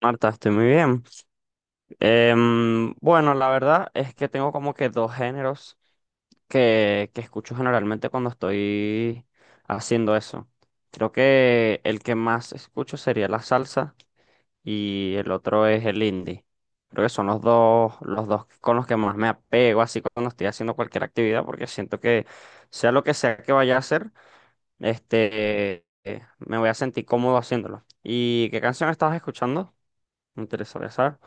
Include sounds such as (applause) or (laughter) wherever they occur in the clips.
Marta, estoy muy bien. Bueno, la verdad es que tengo como que dos géneros que escucho generalmente cuando estoy haciendo eso. Creo que el que más escucho sería la salsa y el otro es el indie. Creo que son los dos con los que más me apego así cuando estoy haciendo cualquier actividad, porque siento que sea lo que sea que vaya a hacer, me voy a sentir cómodo haciéndolo. ¿Y qué canción estabas escuchando? Me interesaría saber.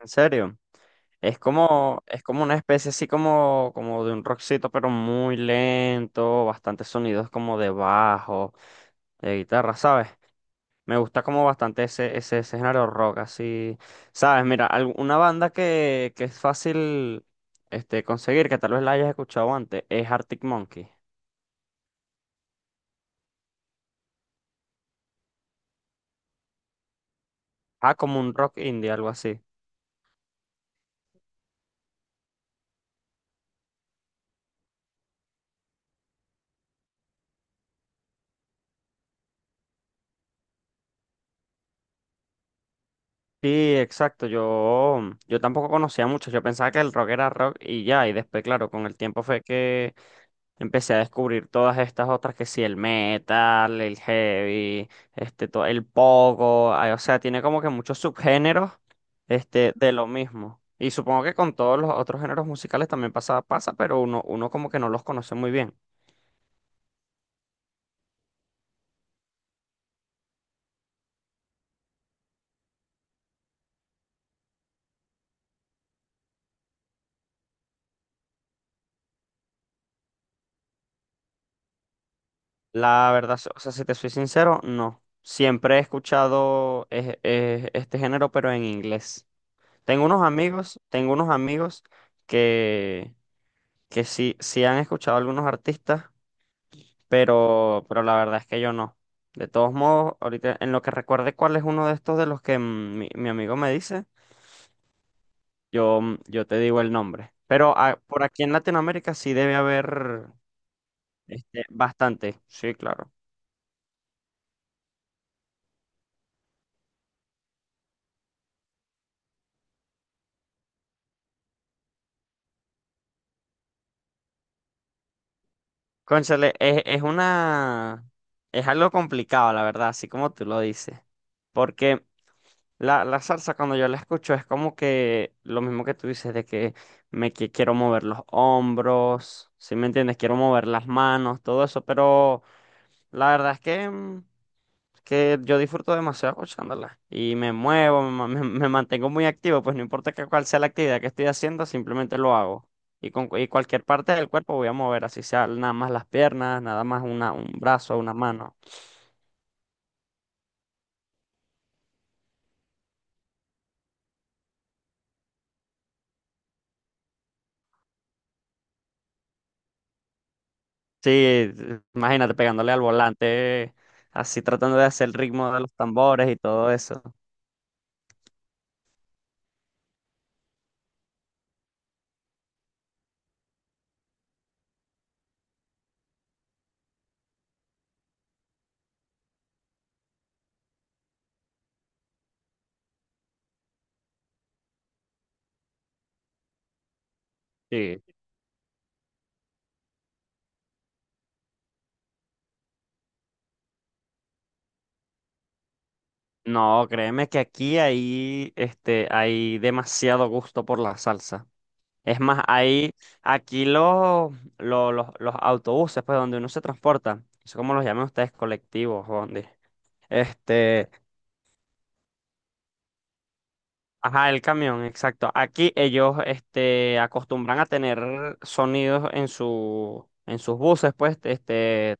¿En serio? Es como una especie así como, como de un rockcito, pero muy lento, bastantes sonidos como de bajo, de guitarra, ¿sabes? Me gusta como bastante ese género rock, así, ¿sabes? Mira, una banda que es fácil, conseguir, que tal vez la hayas escuchado antes, es Arctic Monkey. Ah, como un rock indie, algo así. Sí, exacto, yo tampoco conocía mucho, yo pensaba que el rock era rock y ya, y después, claro, con el tiempo fue que empecé a descubrir todas estas otras que sí, el metal, el heavy, el pogo, ay, o sea, tiene como que muchos subgéneros, de lo mismo. Y supongo que con todos los otros géneros musicales también pasa, pero uno como que no los conoce muy bien. La verdad, o sea, si te soy sincero, no. Siempre he escuchado este género, pero en inglés. Tengo unos amigos que, que sí, sí han escuchado algunos artistas, pero la verdad es que yo no. De todos modos, ahorita en lo que recuerde cuál es uno de estos de los que mi amigo me dice, yo te digo el nombre. Pero ah, por aquí en Latinoamérica sí debe haber, bastante, sí, claro. Cónchale, es una... Es algo complicado, la verdad, así como tú lo dices. Porque la salsa cuando yo la escucho es como que lo mismo que tú dices de que me que quiero mover los hombros, ¿si me entiendes? Quiero mover las manos, todo eso, pero la verdad es que, que yo disfruto demasiado escuchándola y me muevo, (laughs) me mantengo muy activo, pues no importa que cuál sea la actividad que estoy haciendo, simplemente lo hago. Y cualquier parte del cuerpo voy a mover, así sea nada más las piernas, nada más un brazo, una mano. Sí, imagínate pegándole al volante, así tratando de hacer el ritmo de los tambores y todo eso. Sí. No, créeme que aquí hay, hay demasiado gusto por la salsa. Es más, hay aquí los autobuses, pues donde uno se transporta, no sé cómo los llaman ustedes, colectivos, o donde. este, Ajá, el camión, exacto. Aquí ellos, acostumbran a tener sonidos en en sus buses, pues,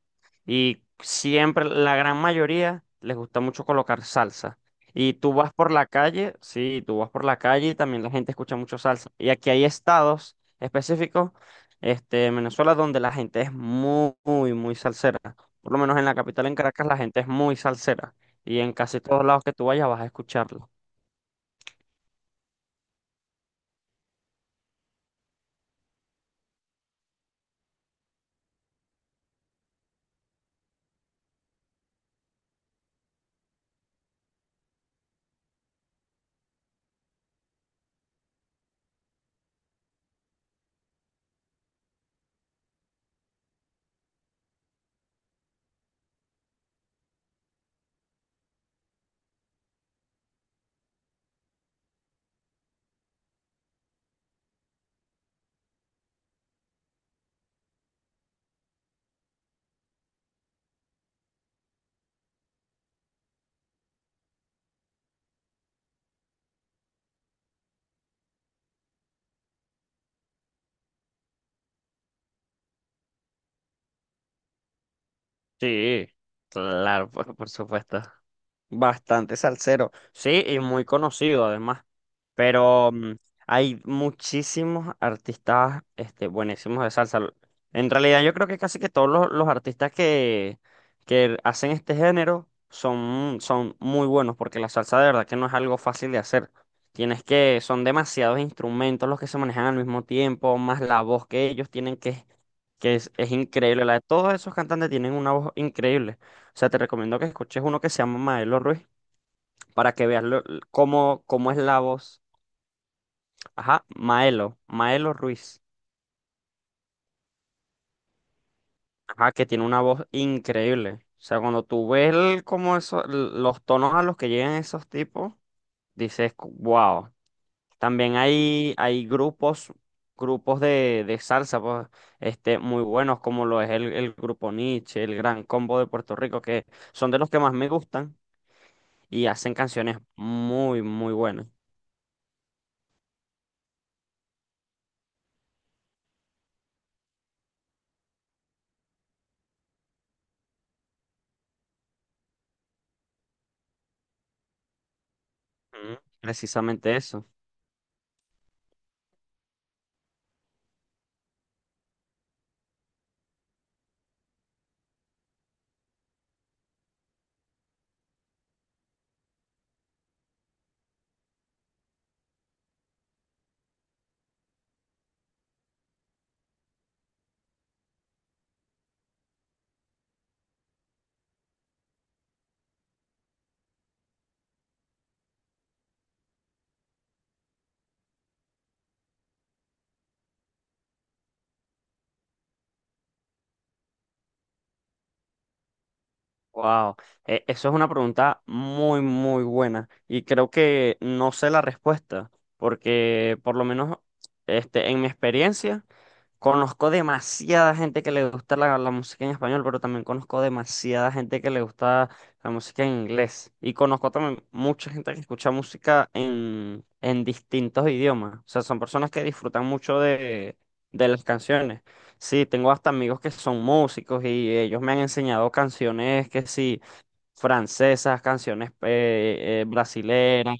y siempre, la gran mayoría, les gusta mucho colocar salsa. Y tú vas por la calle, sí, tú vas por la calle y también la gente escucha mucho salsa. Y aquí hay estados específicos, en Venezuela, donde la gente es muy, muy, muy salsera. Por lo menos en la capital, en Caracas, la gente es muy salsera. Y en casi todos lados que tú vayas vas a escucharlo. Sí, claro, por supuesto. Bastante salsero. Sí, y muy conocido además. Pero hay muchísimos artistas, buenísimos de salsa. En realidad yo creo que casi que todos los artistas que hacen este género son, son muy buenos porque la salsa de verdad que no es algo fácil de hacer. Tienes que, son demasiados instrumentos los que se manejan al mismo tiempo, más la voz que ellos tienen que es increíble. La de todos esos cantantes tienen una voz increíble. O sea, te recomiendo que escuches uno que se llama Maelo Ruiz para que veas cómo, cómo es la voz. Ajá, Maelo, Maelo Ruiz. Ajá, que tiene una voz increíble. O sea, cuando tú ves cómo eso, los tonos a los que llegan esos tipos, dices, wow. También hay grupos, grupos de salsa, pues, muy buenos, como lo es el grupo Nietzsche, el Gran Combo de Puerto Rico, que son de los que más me gustan. Y hacen canciones muy, muy buenas. Ujú. Precisamente eso. Wow. Eso es una pregunta muy, muy buena. Y creo que no sé la respuesta, porque por lo menos, en mi experiencia. Conozco demasiada gente que le gusta la música en español, pero también conozco demasiada gente que le gusta la música en inglés. Y conozco también mucha gente que escucha música en distintos idiomas. O sea, son personas que disfrutan mucho de las canciones. Sí, tengo hasta amigos que son músicos y ellos me han enseñado canciones que sí, francesas, canciones brasileras,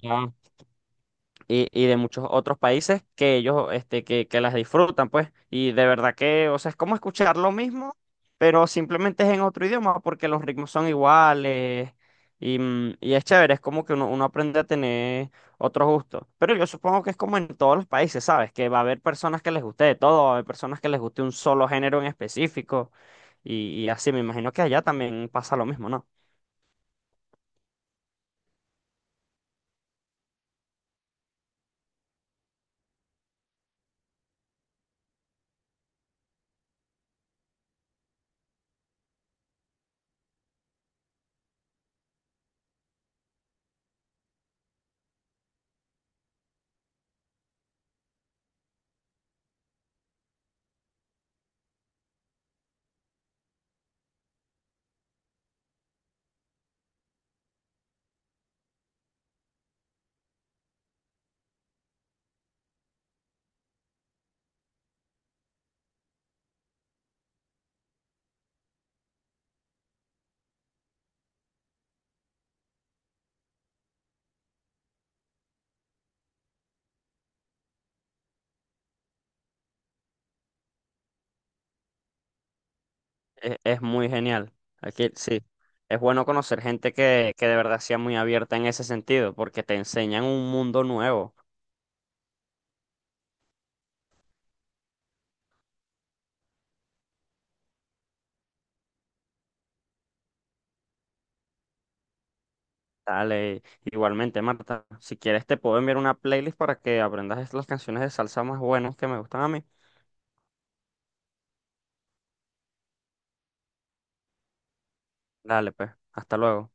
y de muchos otros países que ellos, que las disfrutan, pues. Y de verdad que, o sea, es como escuchar lo mismo, pero simplemente es en otro idioma, porque los ritmos son iguales. Y, y es chévere, es como que uno aprende a tener otros gustos. Pero yo supongo que es como en todos los países, ¿sabes? Que va a haber personas que les guste de todo, va a haber personas que les guste un solo género en específico. Y así, me imagino que allá también pasa lo mismo, ¿no? Es muy genial. Aquí sí. Es bueno conocer gente que de verdad sea muy abierta en ese sentido, porque te enseñan un mundo nuevo. Dale, igualmente, Marta, si quieres te puedo enviar una playlist para que aprendas las canciones de salsa más buenas que me gustan a mí. Dale, pues, hasta luego.